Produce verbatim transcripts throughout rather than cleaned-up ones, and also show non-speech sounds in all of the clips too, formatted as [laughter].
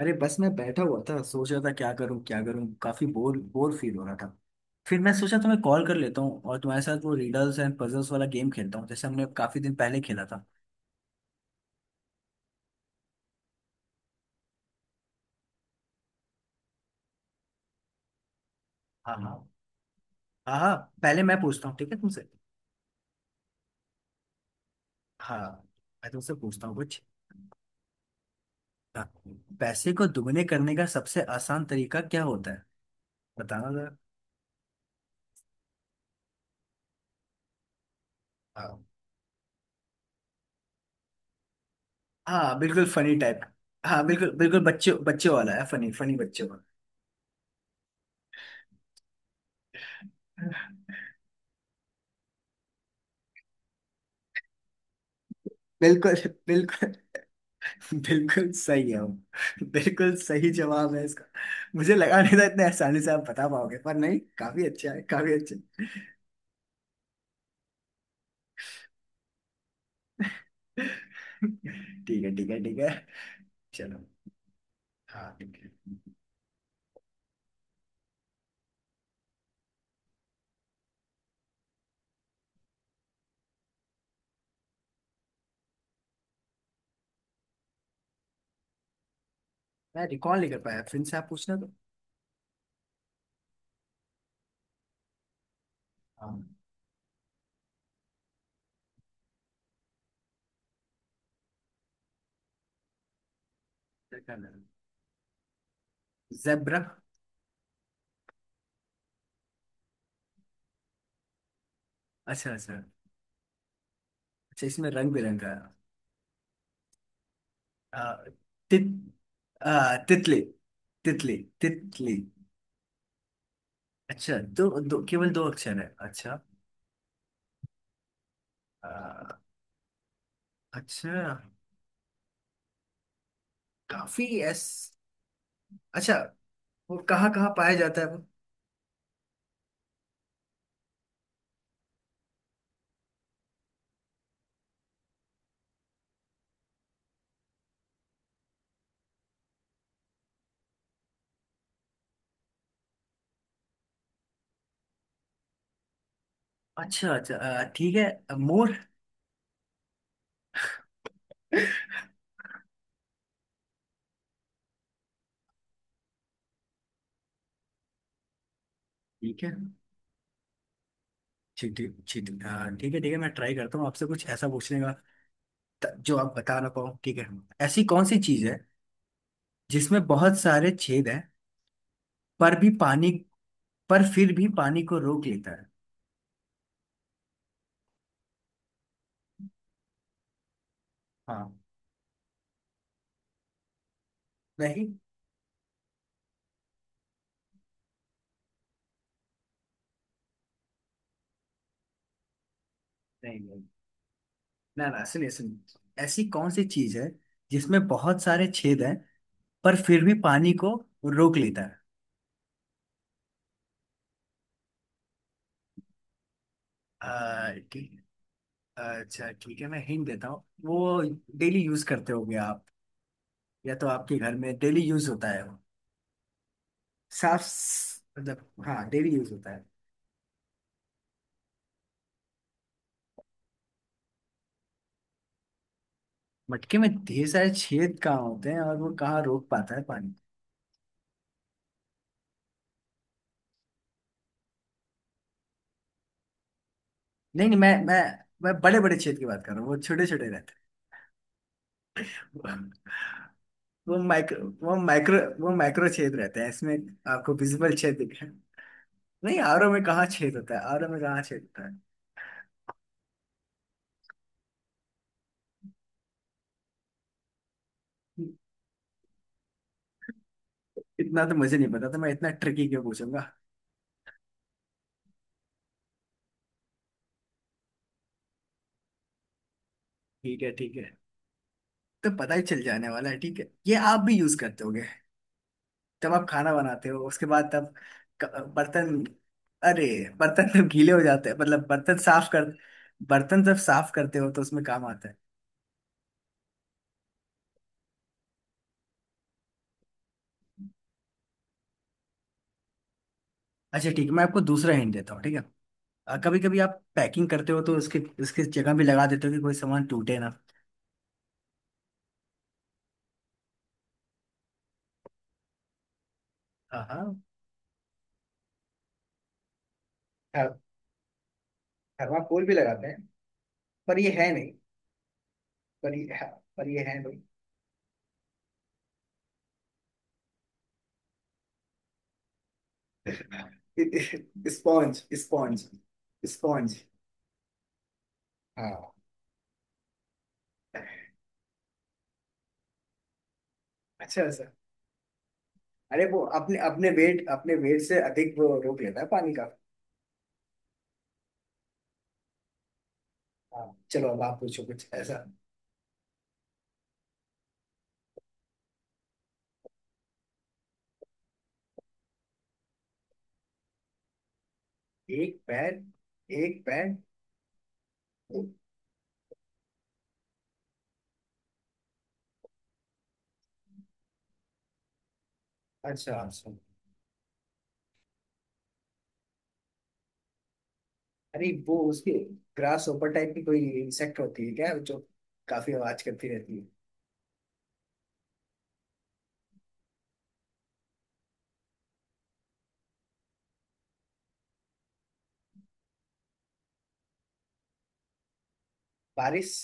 अरे बस मैं बैठा हुआ था। सोच रहा था क्या करूं क्या करूं। काफी बोर बोर फील हो रहा था। फिर मैं सोचा तुम्हें कॉल कर लेता हूँ और तुम्हारे साथ वो रीडल्स एंड पजल्स वाला गेम खेलता हूँ जैसे हमने काफी दिन पहले खेला था। हाँ हाँ। हाँ हाँ। पहले मैं पूछता हूँ, ठीक है तुमसे? हाँ। मैं तुमसे पूछता हूँ कुछ। हाँ। पैसे को दुगने करने का सबसे आसान तरीका क्या होता है? बताना जरा। हाँ। हाँ, बिल्कुल फनी टाइप। हाँ, बिल्कुल बिल्कुल बच्चे बच्चे वाला है। फनी फनी बच्चे वाला। [laughs] बिल्कुल। बिल्कुल बिल्कुल सही है वो। [laughs] बिल्कुल सही जवाब है इसका। मुझे लगा नहीं था इतने आसानी से आप बता पाओगे, पर नहीं, काफी अच्छा है, काफी अच्छा। [laughs] ठीक है ठीक है ठीक है। चलो। हाँ, ठीक है। मैं रिकॉल नहीं कर पाया, फिर से आप पूछना तो। हाँ। जेब्रा। अच्छा अच्छा। अच्छा, इसमें रंग बिरंगा है। आ, तित आ, तितली। तितली तितली। अच्छा, दो, दो केवल दो अक्षर है? अच्छा। आ, अच्छा। काफी। एस। अच्छा। वो कहाँ कहाँ पाया जाता है वो? अच्छा अच्छा। अ, ठीक है। अ, मोर। ठीक है। चींटी चींटी। अ, ठीक है ठीक है। मैं ट्राई करता हूँ आपसे कुछ ऐसा पूछने का त- जो आप बता ना पाओ, ठीक है? ऐसी कौन सी चीज है जिसमें बहुत सारे छेद हैं पर भी पानी पर फिर भी पानी को रोक लेता है? हाँ। नहीं नहीं। नहीं, ना ना, सुनिए सुनिए, ऐसी कौन सी चीज है जिसमें बहुत सारे छेद हैं पर फिर भी पानी को रोक लेता है? अ, ठीक। अच्छा, ठीक है, मैं हिंट देता हूँ वो। डेली यूज करते होगे आप, या तो आपके घर में डेली यूज होता है वो। साफ स- मतलब हाँ, डेली यूज होता है। मटके में ढेर सारे छेद कहाँ होते हैं और वो कहाँ रोक पाता है पानी? नहीं नहीं, मैं मैं मैं बड़े बड़े छेद की बात कर रहा हूँ, वो छोटे छोटे रहते हैं। वो माइक्रो वो माइक्रो वो माइक्रो छेद रहते हैं इसमें। आपको विजिबल छेद दिखे। नहीं, आरओ में कहाँ छेद होता है? आरओ में कहाँ छेद होता है? इतना तो मुझे नहीं पता था, मैं इतना ट्रिकी क्यों पूछूंगा? ठीक है ठीक है, तो पता ही चल जाने वाला है। ठीक है, ये आप भी यूज करते होगे जब आप खाना बनाते हो उसके बाद, तब क- बर्तन। अरे, बर्तन जब गीले हो जाते हैं, मतलब बर्तन साफ कर बर्तन जब साफ करते हो तो उसमें काम आता है। अच्छा, ठीक है, मैं आपको दूसरा हिंट देता हूँ, ठीक है। कभी कभी आप पैकिंग करते हो तो उसके उसके जगह भी लगा देते हो कि कोई सामान टूटे ना। हाँ हाँ। थर, थर्माकोल भी लगाते हैं, पर ये है नहीं। पर ये है, पर ये है नहीं। [laughs] Sponge sponge. स्पॉन्ज। हाँ। अच्छा। अरे वो अपने अपने वेट अपने वेट से अधिक वो रोक लेता है पानी का। हाँ। चलो, अब आप पूछो कुछ ऐसा। एक पैर। एक पैर। अच्छा अच्छा। अरे वो उसकी ग्रास ऊपर टाइप की कोई इंसेक्ट होती है क्या, जो काफी आवाज करती रहती है? बारिश।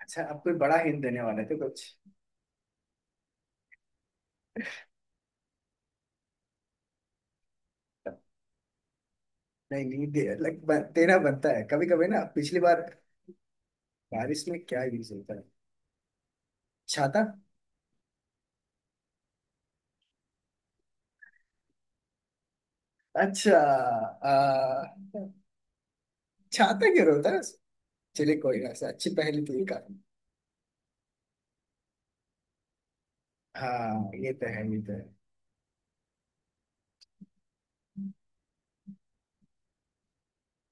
अच्छा, आप कोई बड़ा हिंट देने वाले थे कुछ? नहीं नहीं, दे, like, ब- देना बनता है कभी कभी ना, पिछली बार। बारिश में क्या यूज होता है? छाता। अच्छा। आ, छाता क्यों होता है? चलिए, कोई ना, ऐसा अच्छी पहेली थी काफी। हाँ, ये तो है, ये तो है।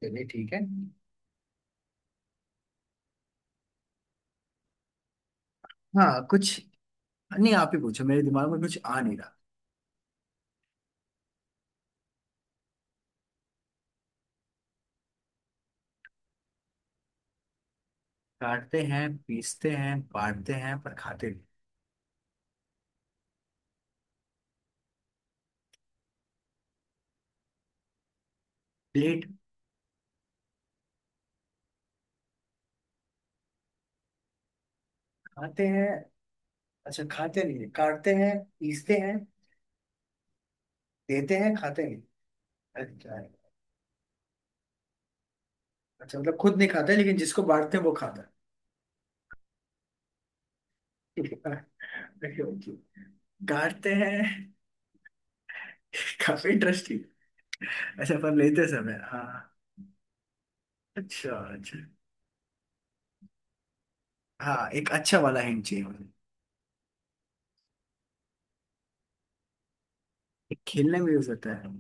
चलिए ठीक है। हाँ कुछ। नहीं, आप ही पूछो, मेरे दिमाग में कुछ आ नहीं रहा। काटते हैं पीसते हैं बांटते हैं पर खाते नहीं। प्लेट। खाते हैं? अच्छा, खाते नहीं है। काटते हैं पीसते हैं देते हैं खाते नहीं। अच्छा अच्छा, मतलब खुद नहीं खाते लेकिन जिसको बांटते हैं वो खाता है? ठीक है। [laughs] Okay, okay. काटते हैं। [laughs] काफी इंटरेस्टिंग। अच्छा, पर लेते समय? हाँ। अच्छा अच्छा। हाँ, एक अच्छा वाला हिंट चाहिए मुझे। ये खेलने में यूज होता है?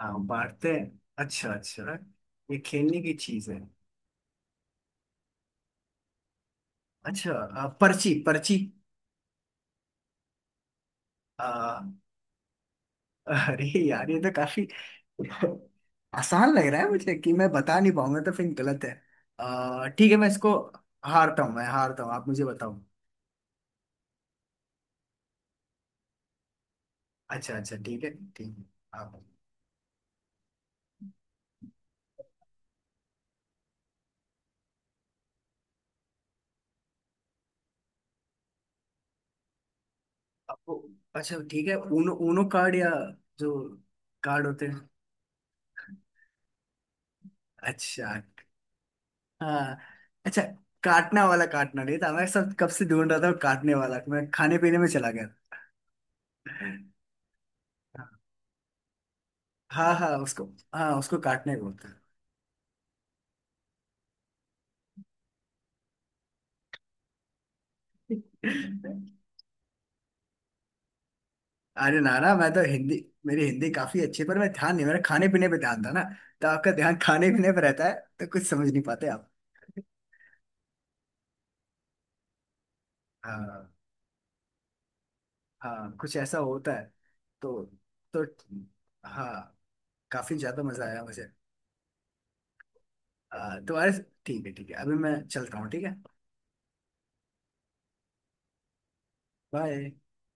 हाँ, बांटते हैं? अच्छा अच्छा, ये खेलने की चीज है। अच्छा। आ, पर्ची? पर्ची? आ, अरे यार, ये तो काफी आसान लग रहा है मुझे कि मैं बता नहीं पाऊंगा तो फिर गलत है। आ, ठीक है, मैं इसको हारता हूँ, मैं हारता हूँ, आप मुझे बताओ। अच्छा अच्छा, ठीक है ठीक है। आप आपको। अच्छा, ठीक है, ऊनो ऊनो कार्ड, या जो कार्ड होते हैं? अच्छा। हाँ। अच्छा। काटना वाला काटना नहीं था, मैं सब कब से ढूंढ रहा था काटने वाला, मैं खाने पीने में चला गया था। हाँ हाँ। उसको हाँ, उसको काटने बोलते हैं। अरे नाना मैं तो हिंदी मेरी हिंदी काफी अच्छी है, पर मैं ध्यान नहीं, मेरा खाने पीने पे ध्यान था ना। तो आपका ध्यान खाने पीने पे रहता है तो कुछ समझ नहीं पाते आप? हाँ हाँ, कुछ ऐसा होता है। तो तो हाँ, काफी ज्यादा मजा आया मुझे। आ, तुम्हारे ठीक है ठीक है, अभी मैं चलता हूँ, ठीक है। बाय।